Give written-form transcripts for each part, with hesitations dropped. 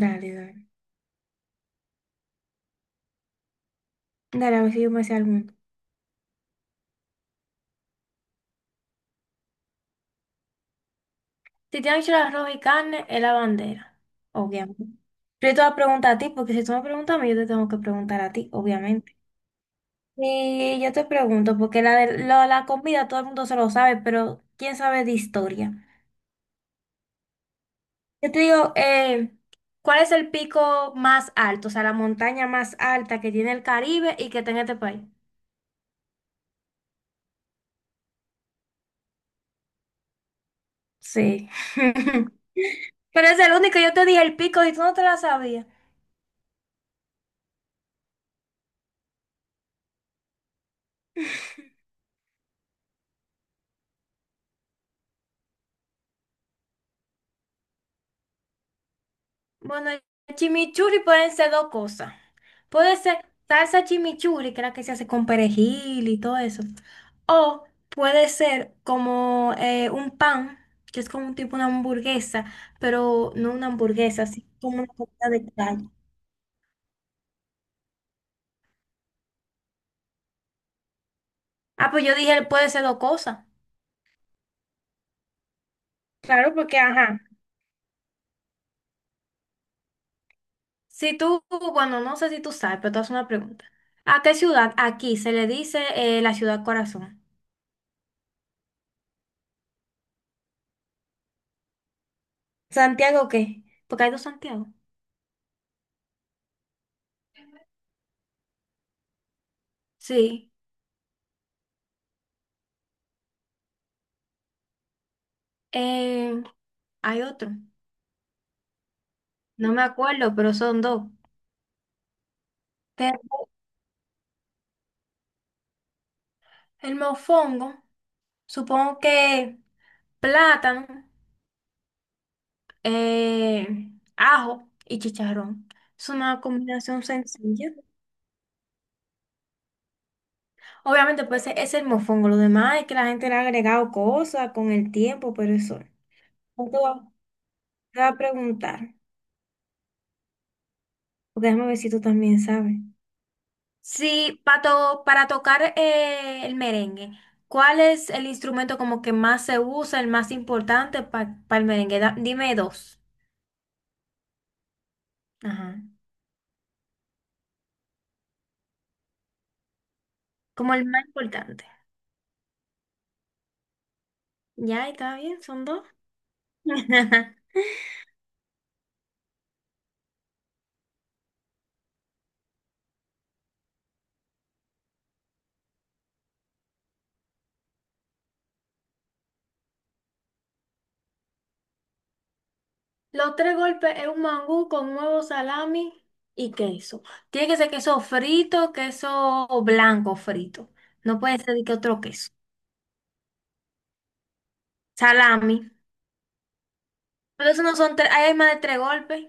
Dale, dale. Dale, a ver si yo me sé alguno. Si te han hecho el arroz y carne, es la bandera. Obviamente. Pero yo te voy a preguntar a ti, porque si tú me preguntas a mí, yo te tengo que preguntar a ti, obviamente. Y yo te pregunto, porque la comida todo el mundo se lo sabe, pero ¿quién sabe de historia? Yo te digo, ¿cuál es el pico más alto? O sea, la montaña más alta que tiene el Caribe y que tiene este país. Sí. Pero es el único, yo te dije el pico y tú no te la sabías. Bueno, el chimichurri pueden ser dos cosas. Puede ser salsa chimichurri, que es la que se hace con perejil y todo eso. O puede ser como un pan, que es como un tipo una hamburguesa, pero no una hamburguesa, así como una comida de calle. Ah, pues yo dije, puede ser dos cosas. Claro, porque ajá. Si tú, bueno, no sé si tú sabes, pero te hago una pregunta. ¿A qué ciudad aquí se le dice la ciudad corazón? ¿Santiago qué? Porque hay dos Santiago. Sí. Eh, Hay otro, no me acuerdo, pero son dos. Pero el mofongo, supongo que plátano, eh, ajo y chicharrón. Es una combinación sencilla. Obviamente, pues ese es el mofongo. Lo demás es que la gente le ha agregado cosas con el tiempo, pero eso. No, te voy a preguntar, porque déjame ver si tú también sabes. Sí, pato, para tocar el merengue, ¿cuál es el instrumento como que más se usa, el más importante para el merengue? Dime dos. Ajá. Como el más importante. Ya, está bien, son dos. Los tres golpes es un mangú con huevo, salami y queso. Tiene que ser queso frito, queso blanco frito. No puede ser de que otro queso. Salami. Pero eso no son tres, ahí hay más de tres golpes.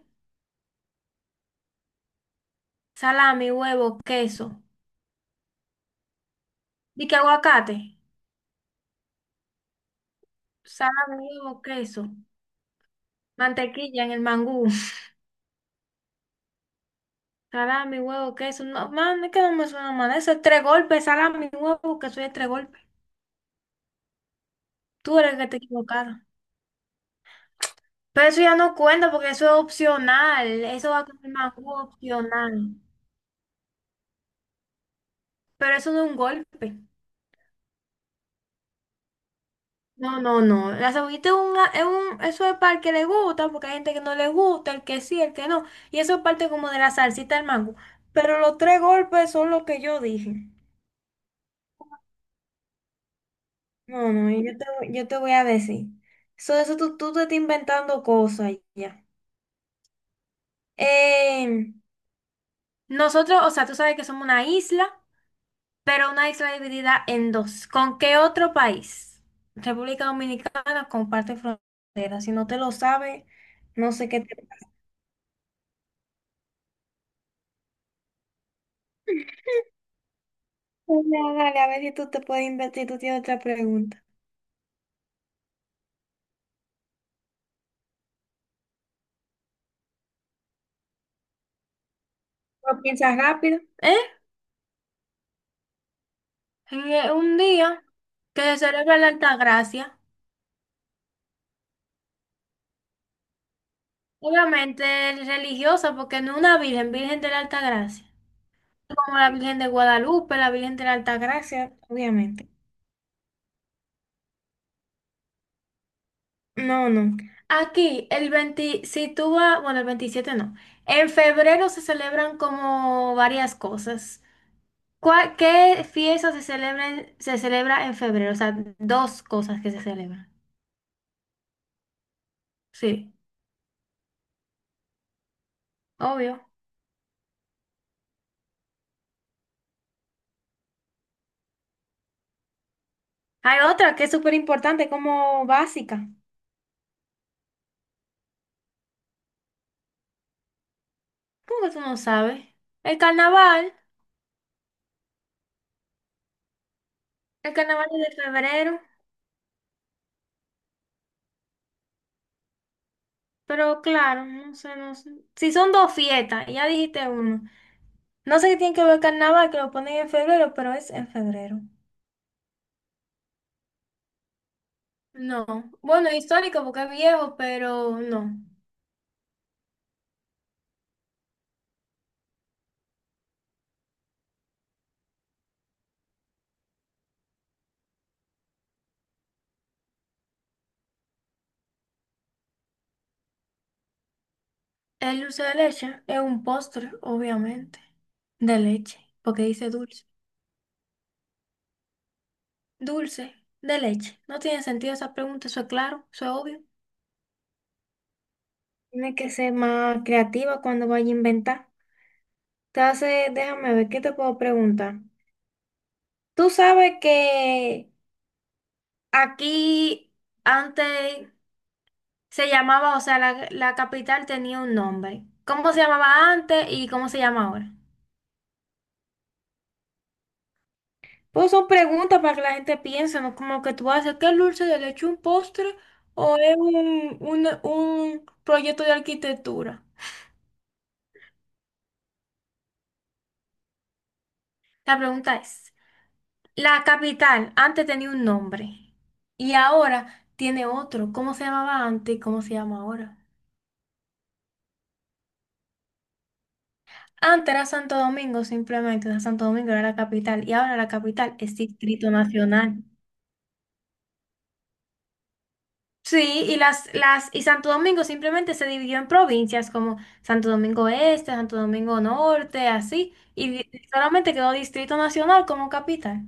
Salami, huevo, queso. ¿Y qué aguacate? Salami, huevo, queso. Mantequilla en el mangú. Salami, huevo, queso. No, man, es que no me suena mal. Eso es tres golpes. Salami, huevo, queso es tres golpes. Tú eres el que te equivocaron. Pero eso ya no cuenta porque eso es opcional. Eso va con el mangú opcional. Pero eso no es un golpe. No, no, no. La cebollita eso es para el que le gusta, porque hay gente que no le gusta, el que sí, el que no. Y eso es parte como de la salsita del mango. Pero los tres golpes son lo que yo dije. No, no, yo te voy a decir. So, eso tú te estás inventando cosas ya. Eh, Nosotros, o sea, tú sabes que somos una isla, pero una isla dividida en dos. ¿Con qué otro país? República Dominicana comparte frontera. Si no te lo sabes, no sé qué te... Dale, dale, a ver si tú te puedes invertir, tú tienes otra pregunta. ¿Lo piensas rápido? ¿Eh? Un día que se celebra la Altagracia. Obviamente religiosa, porque no una virgen, Virgen de la Altagracia. Como la Virgen de Guadalupe, la Virgen de la Altagracia, obviamente. No, no. Aquí, el 20, si tú vas, bueno, el 27 no. En febrero se celebran como varias cosas. ¿ Qué fiesta se celebra, se celebra en febrero? O sea, dos cosas que se celebran. Sí, obvio. Hay otra que es súper importante, como básica. ¿Cómo que tú no sabes? El carnaval, el carnaval es de febrero. Pero claro, no sé, no sé. Si son dos fiestas, ya dijiste uno. No sé qué tiene que ver el carnaval, que lo ponen en febrero, pero es en febrero. No. Bueno, histórico porque es viejo, pero no. El dulce de leche es un postre, obviamente. De leche, porque dice dulce. Dulce de leche. No tiene sentido esa pregunta, eso es claro, eso es obvio. Tienes que ser más creativa cuando vaya a inventar. Entonces, déjame ver, ¿qué te puedo preguntar? Tú sabes que aquí antes se llamaba, o sea, la capital tenía un nombre. ¿Cómo se llamaba antes y cómo se llama ahora? Pues son preguntas para que la gente piense, ¿no? Como que tú haces, ¿qué es dulce de leche, un postre o es un proyecto de arquitectura? La pregunta es, la capital antes tenía un nombre y ahora tiene otro. ¿Cómo se llamaba antes y cómo se llama ahora? Antes era Santo Domingo, simplemente, o sea, Santo Domingo era la capital y ahora la capital es Distrito Nacional. Sí, y Santo Domingo simplemente se dividió en provincias como Santo Domingo Este, Santo Domingo Norte, así, y solamente quedó Distrito Nacional como capital.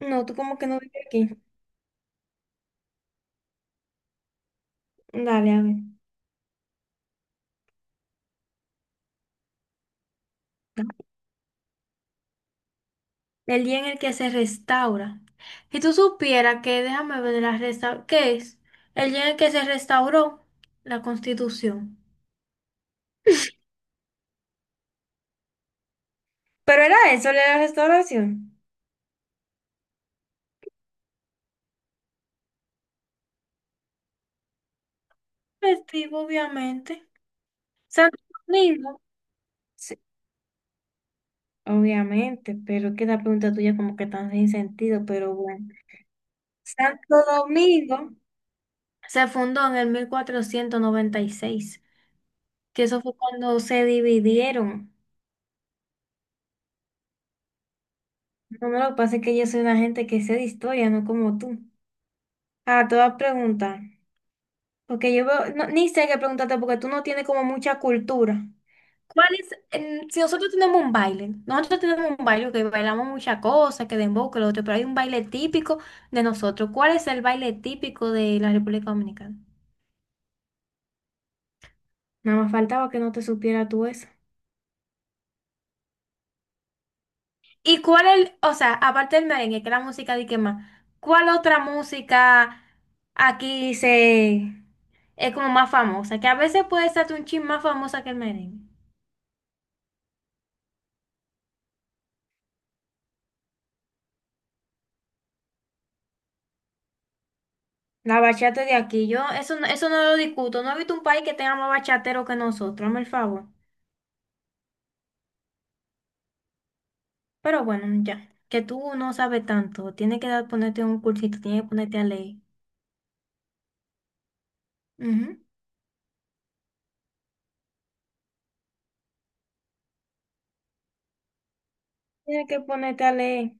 No, tú como que no vives aquí. Dale, a ver. El día en el que se restaura. Si tú supieras que, déjame ver la resta, ¿qué es? El día en el que se restauró la Constitución. Pero era eso, la restauración. Festivo, obviamente. Santo Domingo, sí, obviamente, pero es que la pregunta tuya como que tan sin sentido, pero bueno. Santo Domingo se fundó en el 1496, que eso fue cuando se dividieron. No, no, lo que pasa es que yo soy una gente que sé de historia, no como tú. Ah, te voy a preguntar, porque yo veo, no, ni sé qué preguntarte porque tú no tienes como mucha cultura. ¿Cuál es? Si nosotros tenemos un baile, nosotros tenemos un baile que bailamos muchas cosas, que dembow, que lo otro, pero hay un baile típico de nosotros. ¿Cuál es el baile típico de la República Dominicana? Nada más faltaba que no te supiera tú eso. ¿Y cuál el, o sea, aparte del merengue, que es la música de que más, cuál otra música aquí se es como más famosa? Que a veces puede ser hasta un chin más famosa que el merengue. La bachata de aquí, yo. Yo eso, eso no lo discuto. No he visto un país que tenga más bachatero que nosotros, hazme el favor. Pero bueno, ya, que tú no sabes tanto, tienes que ponerte un cursito, tienes que ponerte a leer. Ujú. Tienes que ponerte a leer.